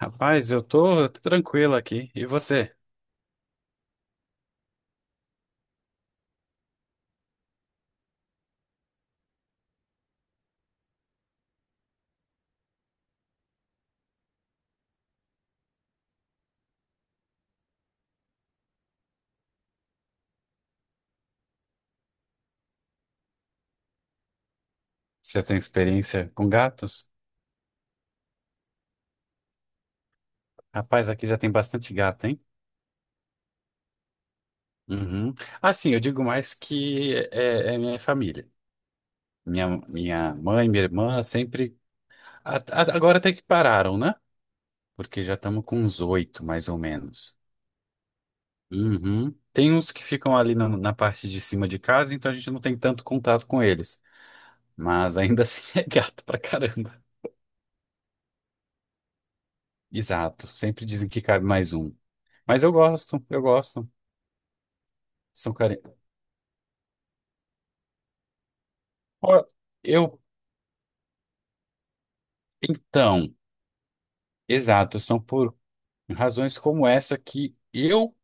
Rapaz, eu tô tranquilo aqui. E você? Se eu tenho experiência com gatos? Rapaz, aqui já tem bastante gato, hein? Uhum. Ah, sim, eu digo mais que é minha família. Minha mãe, minha irmã sempre. Agora até que pararam, né? Porque já estamos com uns oito, mais ou menos. Uhum. Tem uns que ficam ali na parte de cima de casa, então a gente não tem tanto contato com eles. Mas ainda assim é gato pra caramba. Exato. Sempre dizem que cabe mais um. Mas eu gosto. São care... Ó, Eu, então, exato, são por razões como essa que eu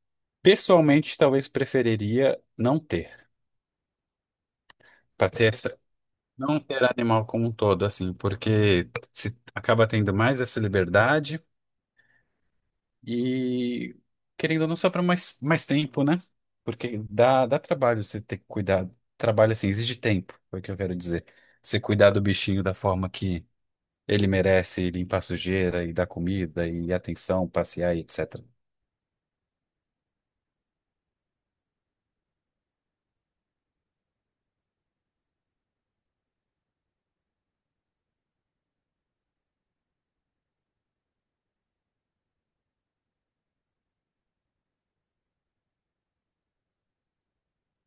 pessoalmente talvez preferiria não ter, para ter essa, não ter animal como um todo, assim, porque se acaba tendo mais essa liberdade e querendo ou não sobra mais tempo, né? Porque dá trabalho você ter que cuidar, trabalho assim, exige tempo, foi o que eu quero dizer. Você cuidar do bichinho da forma que Ele merece limpar sujeira e dar comida e atenção, passear e etc.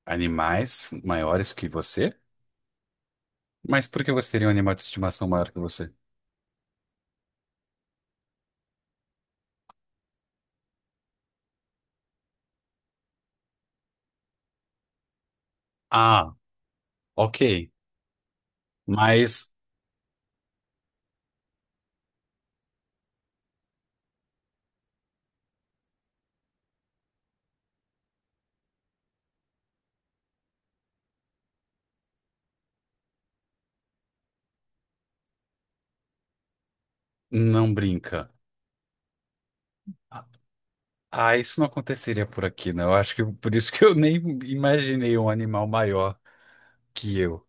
Animais maiores que você? Mas por que você teria um animal de estimação maior que você? Ah, ok. Mas não brinca. Ah, isso não aconteceria por aqui, né? Eu acho que por isso que eu nem imaginei um animal maior que eu.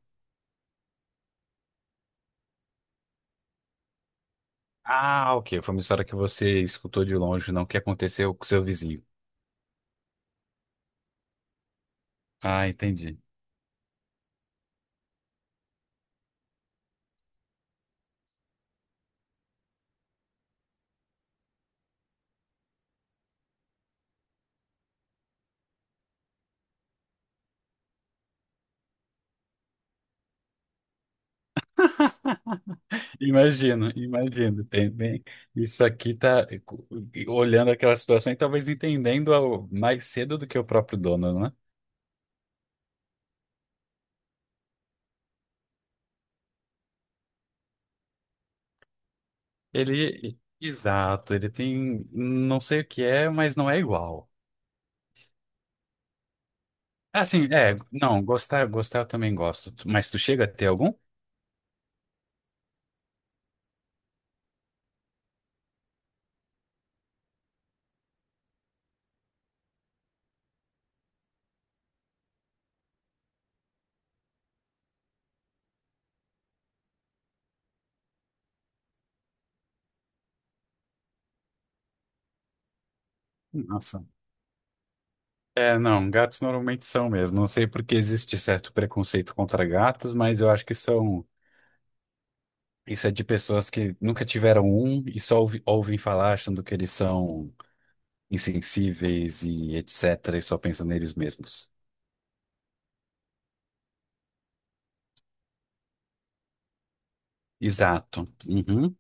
Ah, ok. Foi uma história que você escutou de longe, não que aconteceu com seu vizinho. Ah, entendi. Imagino. Tem, tem- Isso aqui tá olhando aquela situação e talvez entendendo ao- mais cedo do que o próprio dono, né? Ele, exato, ele tem, não sei o que é, mas não é igual. Assim, é, não, gostar eu também gosto. Tu- Mas tu chega a ter algum? Nossa. É, não, gatos normalmente são mesmo. Não sei porque existe certo preconceito contra gatos, mas eu acho que são, isso é de pessoas que nunca tiveram um e só ouvem falar achando que eles são insensíveis e etc. e só pensam neles mesmos. Exato. Uhum.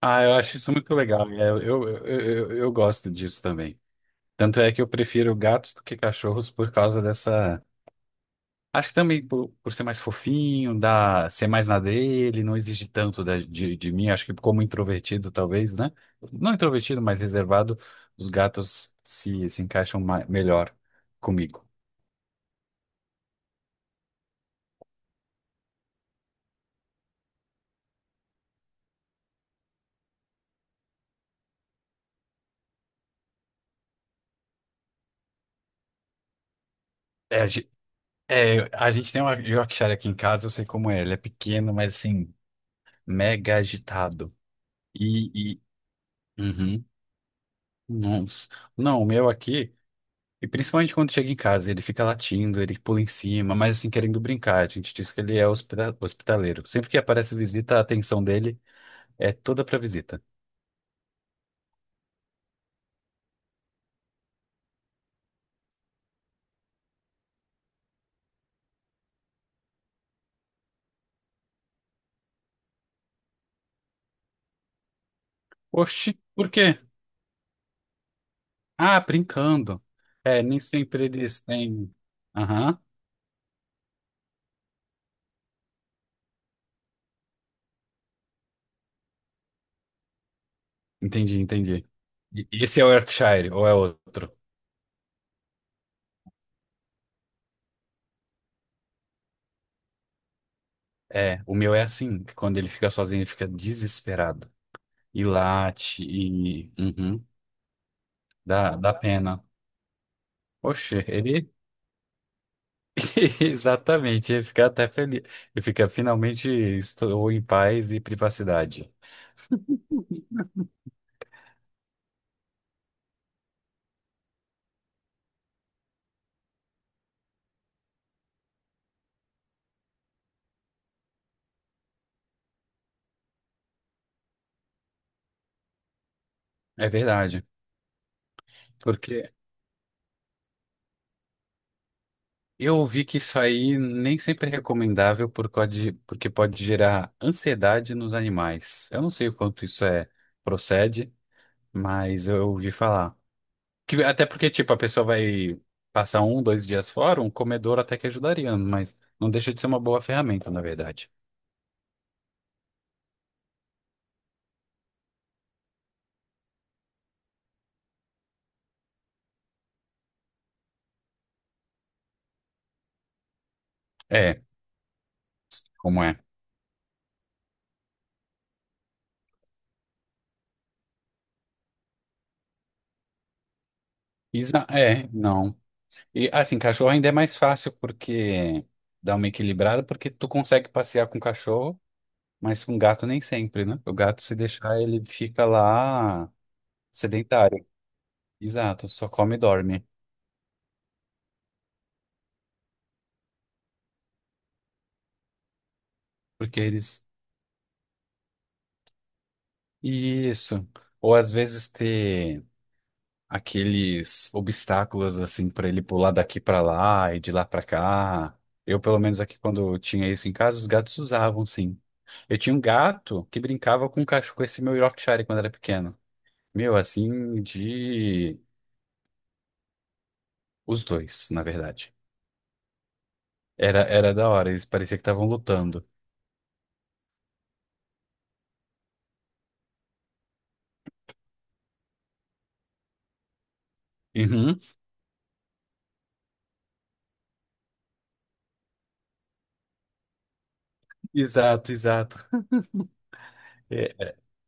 Ah, eu acho isso muito legal. É, eu gosto disso também. Tanto é que eu prefiro gatos do que cachorros por causa dessa. Acho que também por ser mais fofinho, dá, ser mais na dele, não exige tanto de mim. Acho que como introvertido, talvez, né? Não introvertido, mas reservado, os gatos se encaixam melhor comigo. É, É, a gente tem uma Yorkshire aqui em casa, eu sei como é. Ele é pequeno, mas assim, mega agitado. E, e- uhum, nossa. Não, o meu aqui, e principalmente quando chega em casa, ele fica latindo, ele pula em cima, mas assim, querendo brincar. A gente diz que ele é hospitaleiro. Sempre que aparece visita, a atenção dele é toda pra visita. Oxi, por quê? Ah, brincando. É, nem sempre eles têm. Aham, entendi. E- Esse é o Yorkshire, ou é outro? É, o meu é assim, que quando ele fica sozinho, ele fica desesperado. E late, e. Uhum, dá pena. Oxe, ele. Exatamente, ele fica até feliz. Ele fica, finalmente, estou em paz e privacidade. É verdade, porque eu ouvi que isso aí nem sempre é recomendável por causa de- porque pode gerar ansiedade nos animais. Eu não sei o quanto isso é procede, mas eu ouvi falar. Que, até porque, tipo, a pessoa vai passar um, dois dias fora, um comedor até que ajudaria, mas não deixa de ser uma boa ferramenta, na verdade. É, como é? Isa, é, não. E assim, cachorro ainda é mais fácil porque dá uma equilibrada, porque tu consegue passear com cachorro, mas com gato nem sempre, né? O gato, se deixar, ele fica lá sedentário. Exato, só come e dorme. Porque eles. Isso. Ou às vezes ter. Aqueles obstáculos assim para ele pular daqui para lá e de lá para cá. Eu, pelo menos aqui quando eu tinha isso em casa, os gatos usavam, sim. Eu tinha um gato que brincava com um cachorro, com esse meu Yorkshire quando era pequeno. Meu, assim, de os dois, na verdade. Era da hora, eles parecia que estavam lutando. Uhum. Exato. É,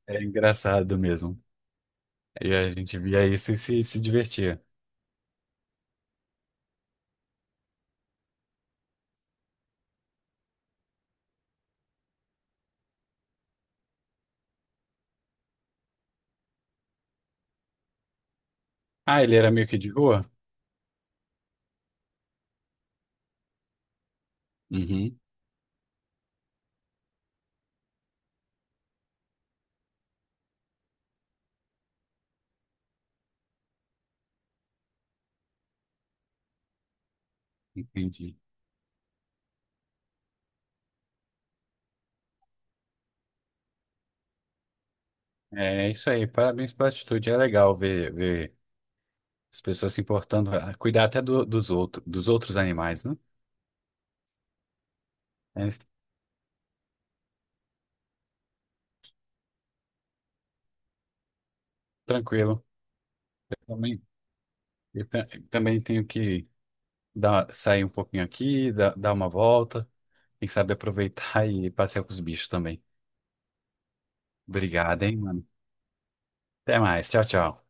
é engraçado mesmo. E a gente via isso e se divertia. Ah, ele era meio que de rua? Uhum, entendi. É isso aí, parabéns pela atitude. É legal ver as pessoas se importando, ah, cuidar até dos outros animais, né? É tranquilo. Eu também, também tenho que dar, sair um pouquinho aqui, dar uma volta, tem que saber aproveitar e passear com os bichos também. Obrigado, hein, mano. Até mais. Tchau, tchau.